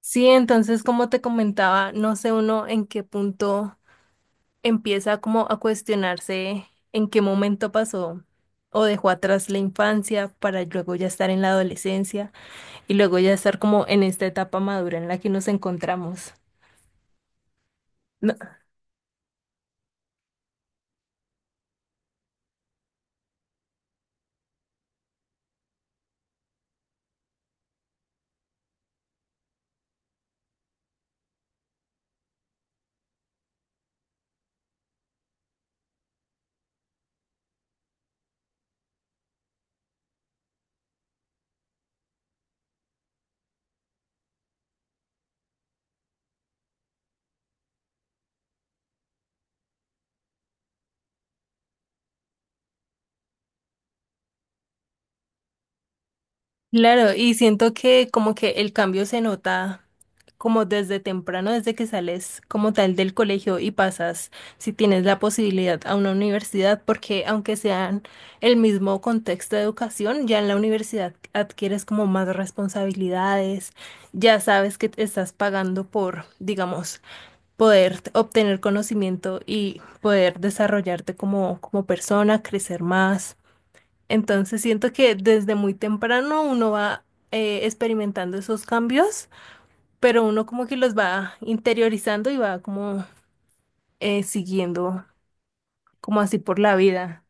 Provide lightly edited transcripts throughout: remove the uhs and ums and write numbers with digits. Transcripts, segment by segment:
Sí, entonces, como te comentaba, no sé uno en qué punto empieza como a cuestionarse en qué momento pasó o dejó atrás la infancia para luego ya estar en la adolescencia y luego ya estar como en esta etapa madura en la que nos encontramos. Claro, y siento que como que el cambio se nota como desde temprano, desde que sales como tal del colegio y pasas, si tienes la posibilidad, a una universidad, porque aunque sean el mismo contexto de educación, ya en la universidad adquieres como más responsabilidades, ya sabes que te estás pagando por, digamos, poder obtener conocimiento y poder desarrollarte como, como persona, crecer más. Entonces siento que desde muy temprano uno va experimentando esos cambios, pero uno como que los va interiorizando y va como siguiendo como así por la vida.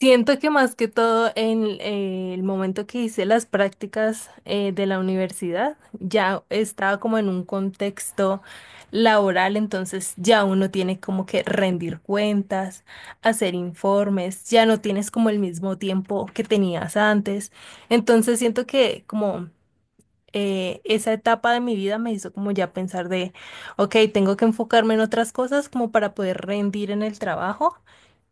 Siento que más que todo en el momento que hice las prácticas de la universidad, ya estaba como en un contexto laboral, entonces ya uno tiene como que rendir cuentas, hacer informes, ya no tienes como el mismo tiempo que tenías antes. Entonces siento que como esa etapa de mi vida me hizo como ya pensar de, ok, tengo que enfocarme en otras cosas como para poder rendir en el trabajo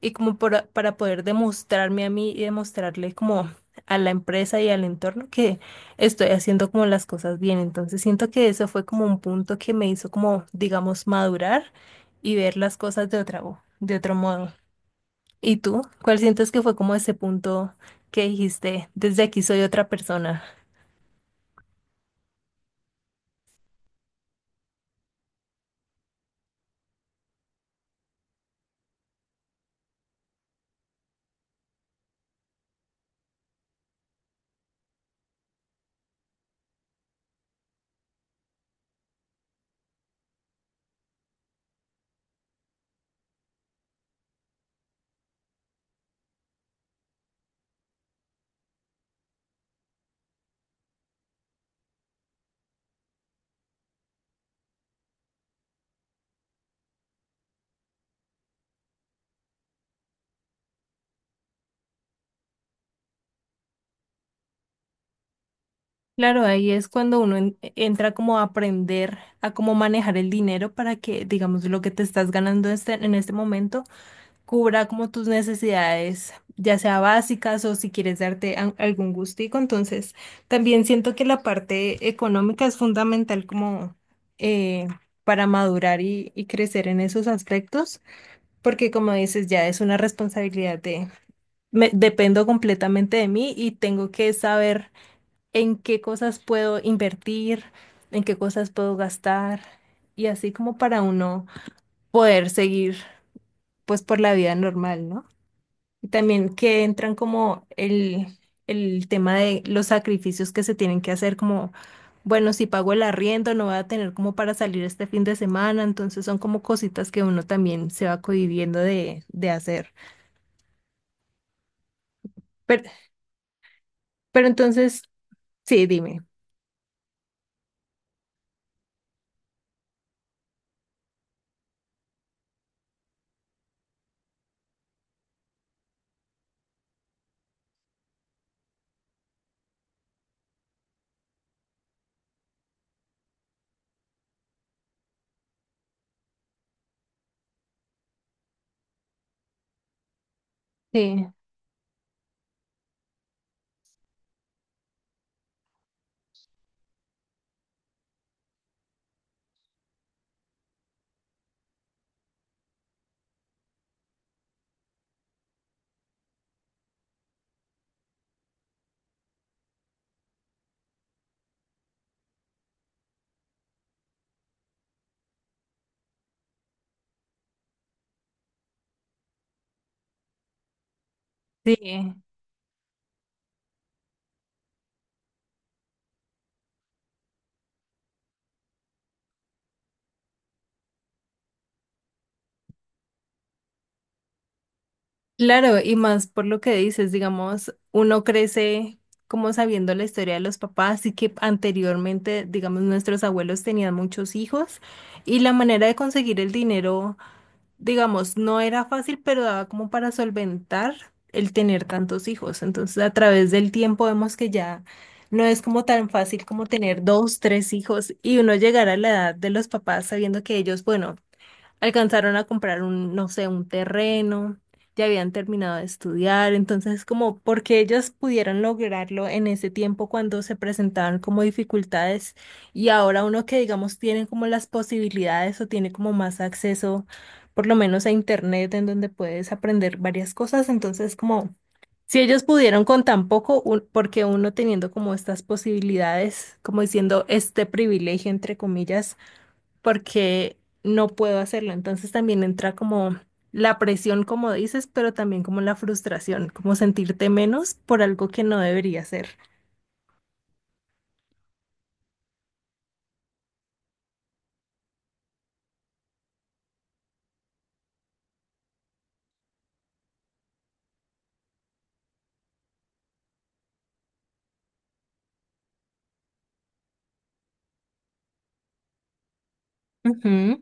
y como para poder demostrarme a mí y demostrarle como a la empresa y al entorno que estoy haciendo como las cosas bien. Entonces siento que eso fue como un punto que me hizo como, digamos, madurar y ver las cosas de otra, de otro modo. ¿Y tú? ¿Cuál sientes que fue como ese punto que dijiste, desde aquí soy otra persona? Claro, ahí es cuando uno entra como a aprender a cómo manejar el dinero para que, digamos, lo que te estás ganando en este momento cubra como tus necesidades, ya sea básicas o si quieres darte algún gustico. Entonces, también siento que la parte económica es fundamental como eh, para madurar y crecer en esos aspectos, porque como dices, ya es una responsabilidad de, dependo completamente de mí y tengo que saber en qué cosas puedo invertir, en qué cosas puedo gastar y así como para uno poder seguir pues por la vida normal, ¿no? Y también que entran como el tema de los sacrificios que se tienen que hacer como, bueno, si pago el arriendo no voy a tener como para salir este fin de semana, entonces son como cositas que uno también se va cohibiendo de hacer. Pero, pero entonces, sí, dime. Sí, sí. Claro, y más por lo que dices, digamos, uno crece como sabiendo la historia de los papás y que anteriormente, digamos, nuestros abuelos tenían muchos hijos y la manera de conseguir el dinero, digamos, no era fácil, pero daba como para solventar el tener tantos hijos. Entonces, a través del tiempo vemos que ya no es como tan fácil como tener dos, tres hijos y uno llegar a la edad de los papás sabiendo que ellos, bueno, alcanzaron a comprar un, no sé, un terreno, ya habían terminado de estudiar, entonces como porque ellas pudieron lograrlo en ese tiempo cuando se presentaban como dificultades y ahora uno que digamos tiene como las posibilidades o tiene como más acceso por lo menos a internet en donde puedes aprender varias cosas, entonces como si ellos pudieron con tan poco, porque uno teniendo como estas posibilidades, como diciendo este privilegio entre comillas porque no puedo hacerlo. Entonces también entra como la presión, como dices, pero también como la frustración, como sentirte menos por algo que no debería ser. Ujú.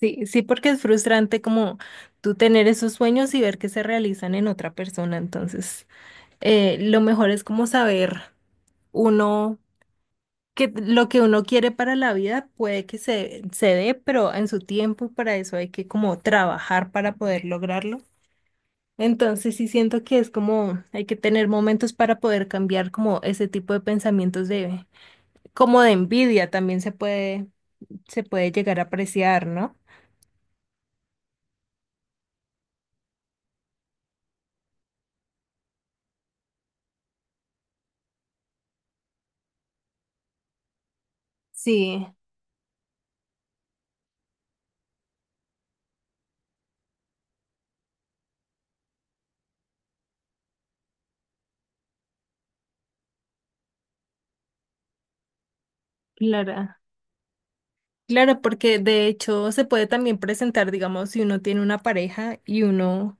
Sí, sí, porque es frustrante como tú tener esos sueños y ver que se realizan en otra persona. Entonces, lo mejor es como saber uno que lo que uno quiere para la vida puede que se dé, pero en su tiempo y para eso hay que como trabajar para poder lograrlo. Entonces sí siento que es como hay que tener momentos para poder cambiar como ese tipo de pensamientos de como de envidia también se puede llegar a apreciar, ¿no? Sí, claro. Claro, porque de hecho se puede también presentar, digamos, si uno tiene una pareja y uno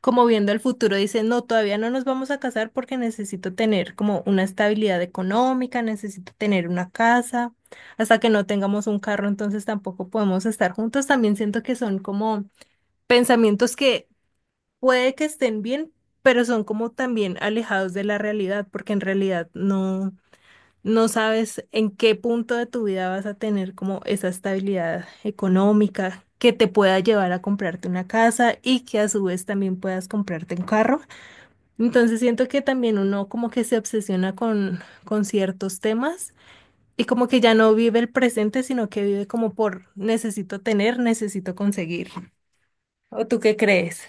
como viendo el futuro, dice, no, todavía no nos vamos a casar porque necesito tener como una estabilidad económica, necesito tener una casa, hasta que no tengamos un carro, entonces tampoco podemos estar juntos. También siento que son como pensamientos que puede que estén bien, pero son como también alejados de la realidad, porque en realidad no, no sabes en qué punto de tu vida vas a tener como esa estabilidad económica que te pueda llevar a comprarte una casa y que a su vez también puedas comprarte un carro. Entonces siento que también uno como que se obsesiona con ciertos temas y como que ya no vive el presente, sino que vive como por necesito tener, necesito conseguir. ¿O tú qué crees?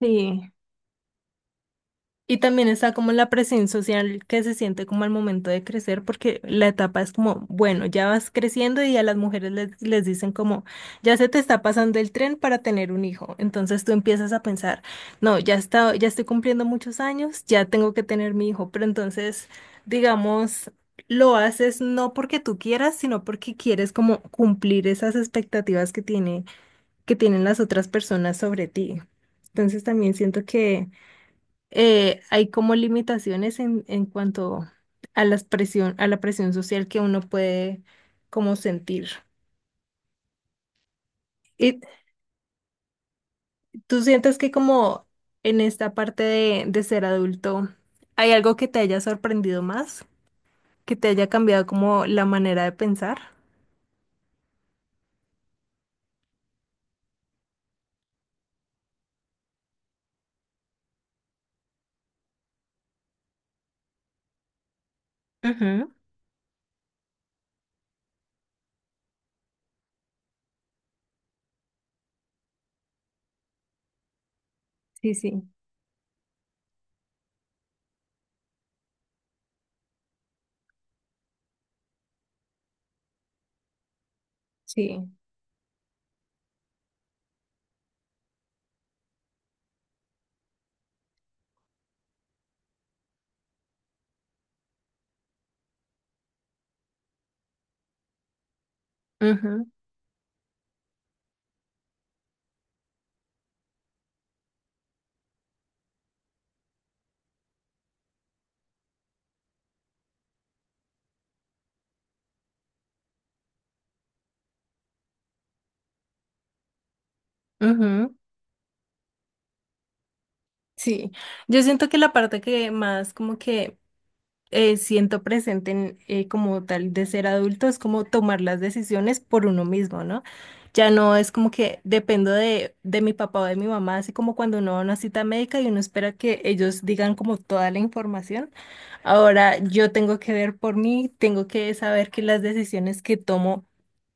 Sí. Y también está como la presión social que se siente como al momento de crecer, porque la etapa es como, bueno, ya vas creciendo y a las mujeres les, les dicen como, ya se te está pasando el tren para tener un hijo. Entonces tú empiezas a pensar, no, ya está, ya estoy cumpliendo muchos años, ya tengo que tener mi hijo. Pero entonces, digamos, lo haces no porque tú quieras, sino porque quieres como cumplir esas expectativas que tiene, que tienen las otras personas sobre ti. Entonces también siento que hay como limitaciones en cuanto a las presión, a la presión social que uno puede como sentir. ¿Y tú sientes que como en esta parte de ser adulto hay algo que te haya sorprendido más, que te haya cambiado como la manera de pensar? Ujú. Sí, sí, sí. Ujú, ujú. Sí, yo siento que la parte que más como que siento presente en, como tal de ser adulto es como tomar las decisiones por uno mismo, ¿no? Ya no es como que dependo de mi papá o de mi mamá, así como cuando uno va a una cita médica y uno espera que ellos digan como toda la información. Ahora yo tengo que ver por mí, tengo que saber que las decisiones que tomo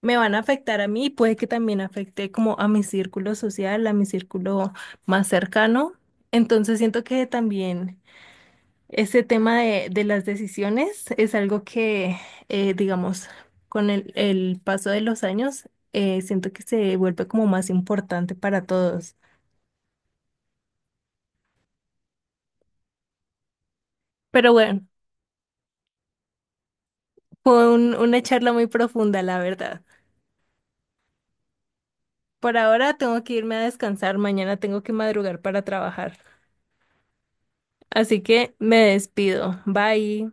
me van a afectar a mí y puede que también afecte como a mi círculo social, a mi círculo más cercano. Entonces siento que también... Ese tema de las decisiones es algo que, digamos, con el paso de los años, siento que se vuelve como más importante para todos. Pero bueno, fue una charla muy profunda, la verdad. Por ahora tengo que irme a descansar, mañana tengo que madrugar para trabajar. Así que me despido. Bye.